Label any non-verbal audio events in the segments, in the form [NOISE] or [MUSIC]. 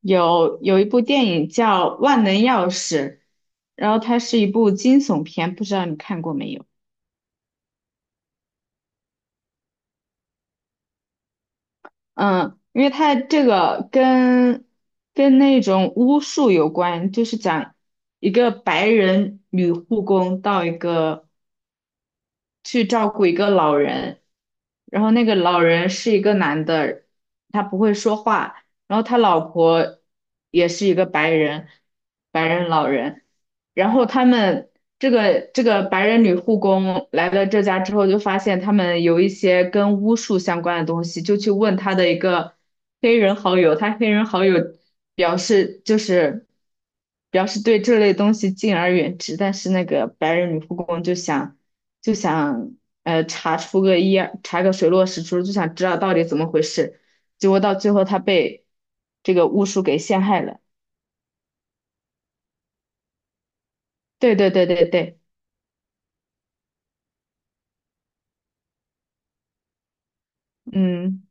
有一部电影叫《万能钥匙》，然后它是一部惊悚片，不知道你看过没有？嗯，因为它这个跟那种巫术有关，就是讲一个白人女护工到一个去照顾一个老人，然后那个老人是一个男的，他不会说话，然后他老婆也是一个白人，白人老人，然后他们这个白人女护工来了这家之后，就发现他们有一些跟巫术相关的东西，就去问他的一个黑人好友，他黑人好友表示就是表示对这类东西敬而远之，但是那个白人女护工就想。就想查出个一二，查个水落石出，就想知道到底怎么回事。结果到最后他被这个巫术给陷害了。对对对对对，嗯，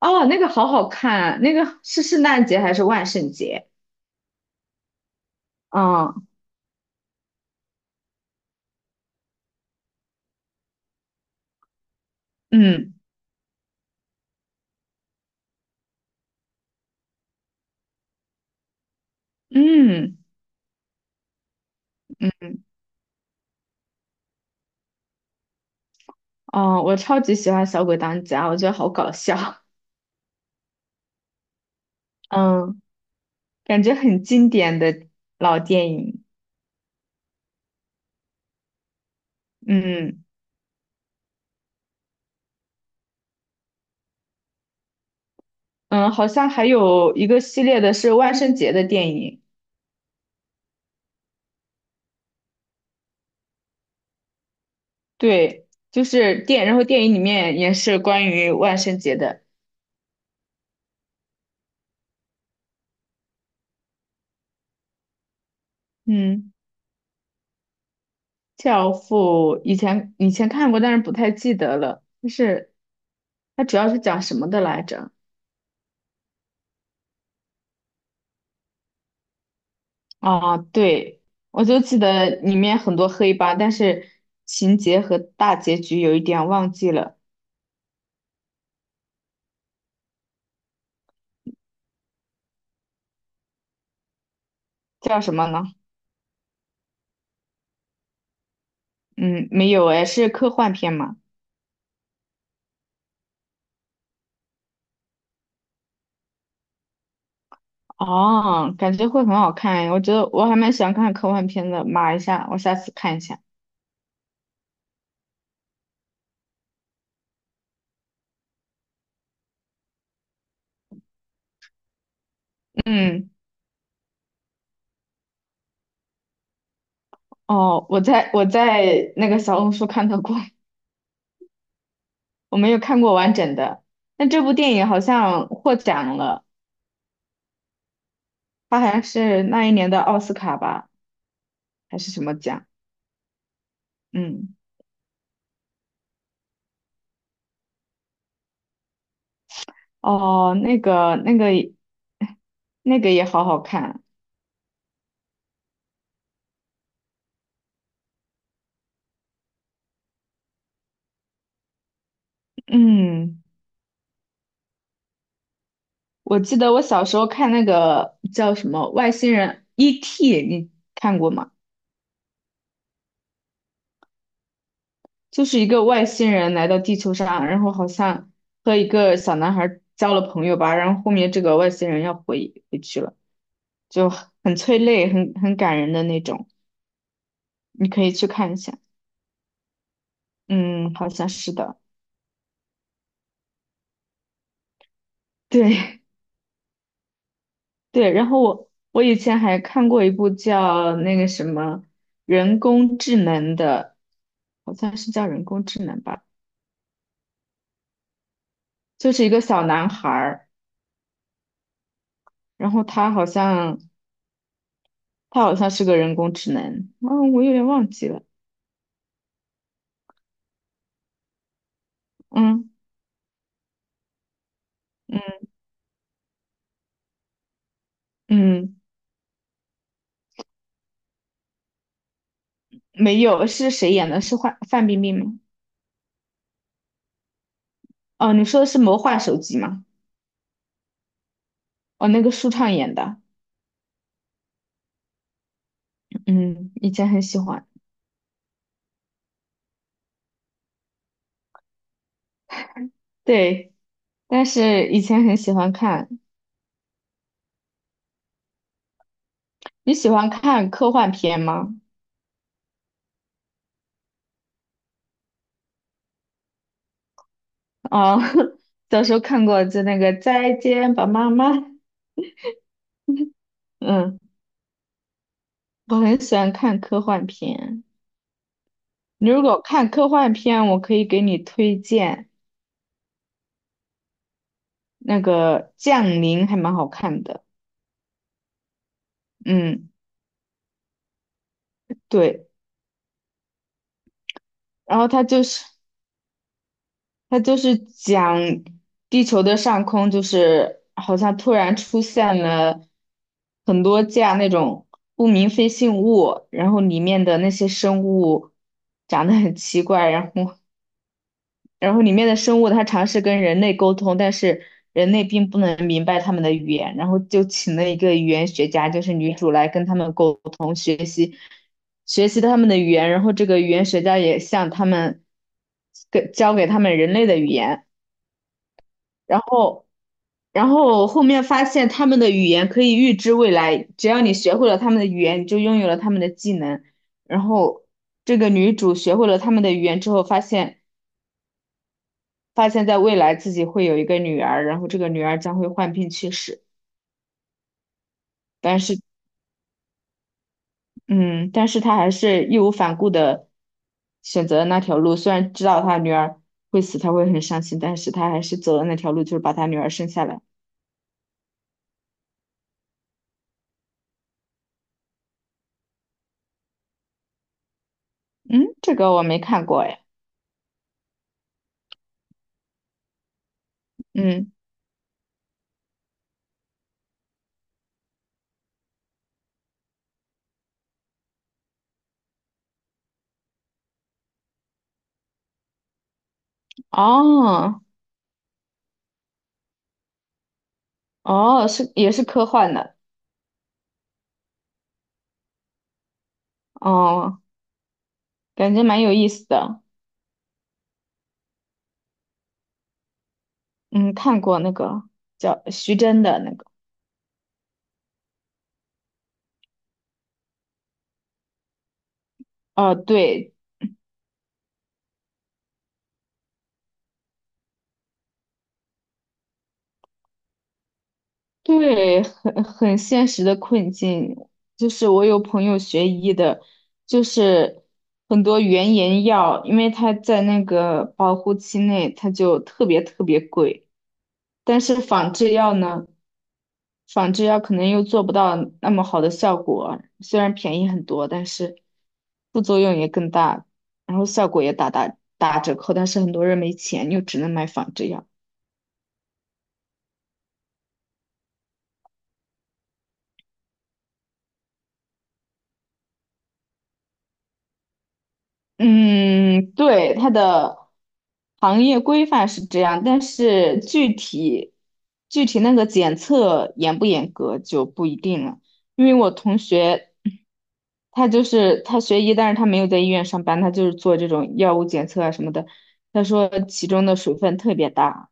哦，那个好好看啊，那个是圣诞节还是万圣节？嗯，嗯，嗯，哦，我超级喜欢《小鬼当家》，我觉得好搞笑。嗯，感觉很经典的老电影。嗯，嗯，好像还有一个系列的是万圣节的电影。对，就是电，然后电影里面也是关于万圣节的。嗯，《教父》以前看过，但是不太记得了。就是它主要是讲什么的来着？啊，对，我就记得里面很多黑帮，但是情节和大结局有一点忘记了。叫什么呢？嗯，没有哎，是科幻片嘛？哦，感觉会很好看诶，我觉得我还蛮喜欢看科幻片的，码一下，我下次看一下。嗯。哦，我在那个小红书看到过，[LAUGHS] 我没有看过完整的。但这部电影好像获奖了，它好像是那一年的奥斯卡吧，还是什么奖？嗯，哦，那个那个也好好看。嗯，我记得我小时候看那个叫什么外星人 E.T.,你看过吗？就是一个外星人来到地球上，然后好像和一个小男孩交了朋友吧，然后后面这个外星人要回去了，就很催泪，很感人的那种。你可以去看一下。嗯，好像是的。对 [LAUGHS] 对。然后我以前还看过一部叫那个什么人工智能的，好像是叫人工智能吧。就是一个小男孩儿，然后他好像是个人工智能，我有点忘记了。嗯，嗯，嗯，没有，是谁演的？是范冰冰吗？哦，你说的是《魔幻手机》吗？哦，那个舒畅演的。嗯，以前很喜欢。对，但是以前很喜欢看。你喜欢看科幻片吗？哦，[LAUGHS] 小时候看过，就那个《再见吧，妈妈》。嗯，我很喜欢看科幻片。你如果看科幻片，我可以给你推荐那个《降临》，还蛮好看的。嗯，对。然后它就是。它就是讲地球的上空，就是好像突然出现了很多架那种不明飞行物，然后里面的那些生物长得很奇怪，然后里面的生物它尝试跟人类沟通，但是人类并不能明白他们的语言，然后就请了一个语言学家，就是女主来跟他们沟通，学习他们的语言，然后这个语言学家也向他们教给他们人类的语言。然后后面发现他们的语言可以预知未来，只要你学会了他们的语言，你就拥有了他们的技能。然后这个女主学会了他们的语言之后，发现在未来自己会有一个女儿，然后这个女儿将会患病去世。但是，嗯，但是她还是义无反顾的选择了那条路，虽然知道她女儿会死，她会很伤心，但是她还是走了那条路，就是把她女儿生下来。嗯，这个我没看过哎。嗯，哦。哦，是也是科幻的。哦，感觉蛮有意思的。嗯，看过那个叫徐峥的那个。哦，对，对，很很现实的困境，就是我有朋友学医的，就是很多原研药，因为它在那个保护期内，它就特别特别贵，但是仿制药呢？仿制药可能又做不到那么好的效果，虽然便宜很多，但是副作用也更大，然后效果也打折扣，但是很多人没钱，又只能买仿制药。嗯，对，它的行业规范是这样，但是具体那个检测严不严格就不一定了，因为我同学。他就是他学医，但是他没有在医院上班，他就是做这种药物检测啊什么的。他说其中的水分特别大。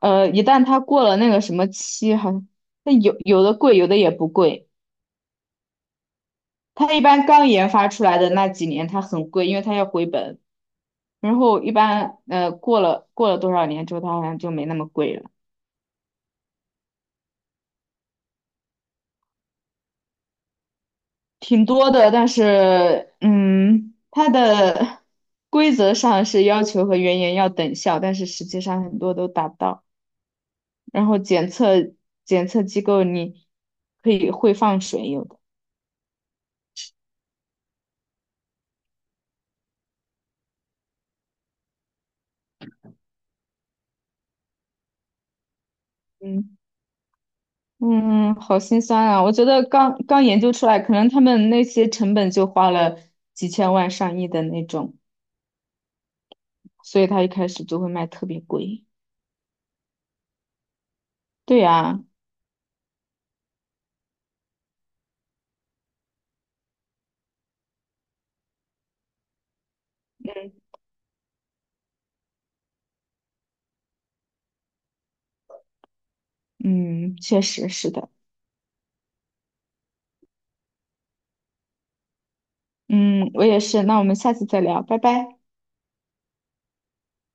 一旦他过了那个什么期，好像那有有的贵，有的也不贵。他一般刚研发出来的那几年，他很贵，因为他要回本。然后一般过了多少年之后，他好像就没那么贵了。挺多的。但是嗯，它的 [LAUGHS] 规则上是要求和原研要等效，但是实际上很多都达不到。然后检测机构你可以会放水，有的。嗯，嗯，好心酸啊！我觉得刚刚研究出来，可能他们那些成本就花了几千万、上亿的那种，所以他一开始就会卖特别贵。对呀，嗯，确实是的。嗯，我也是。那我们下次再聊，拜拜。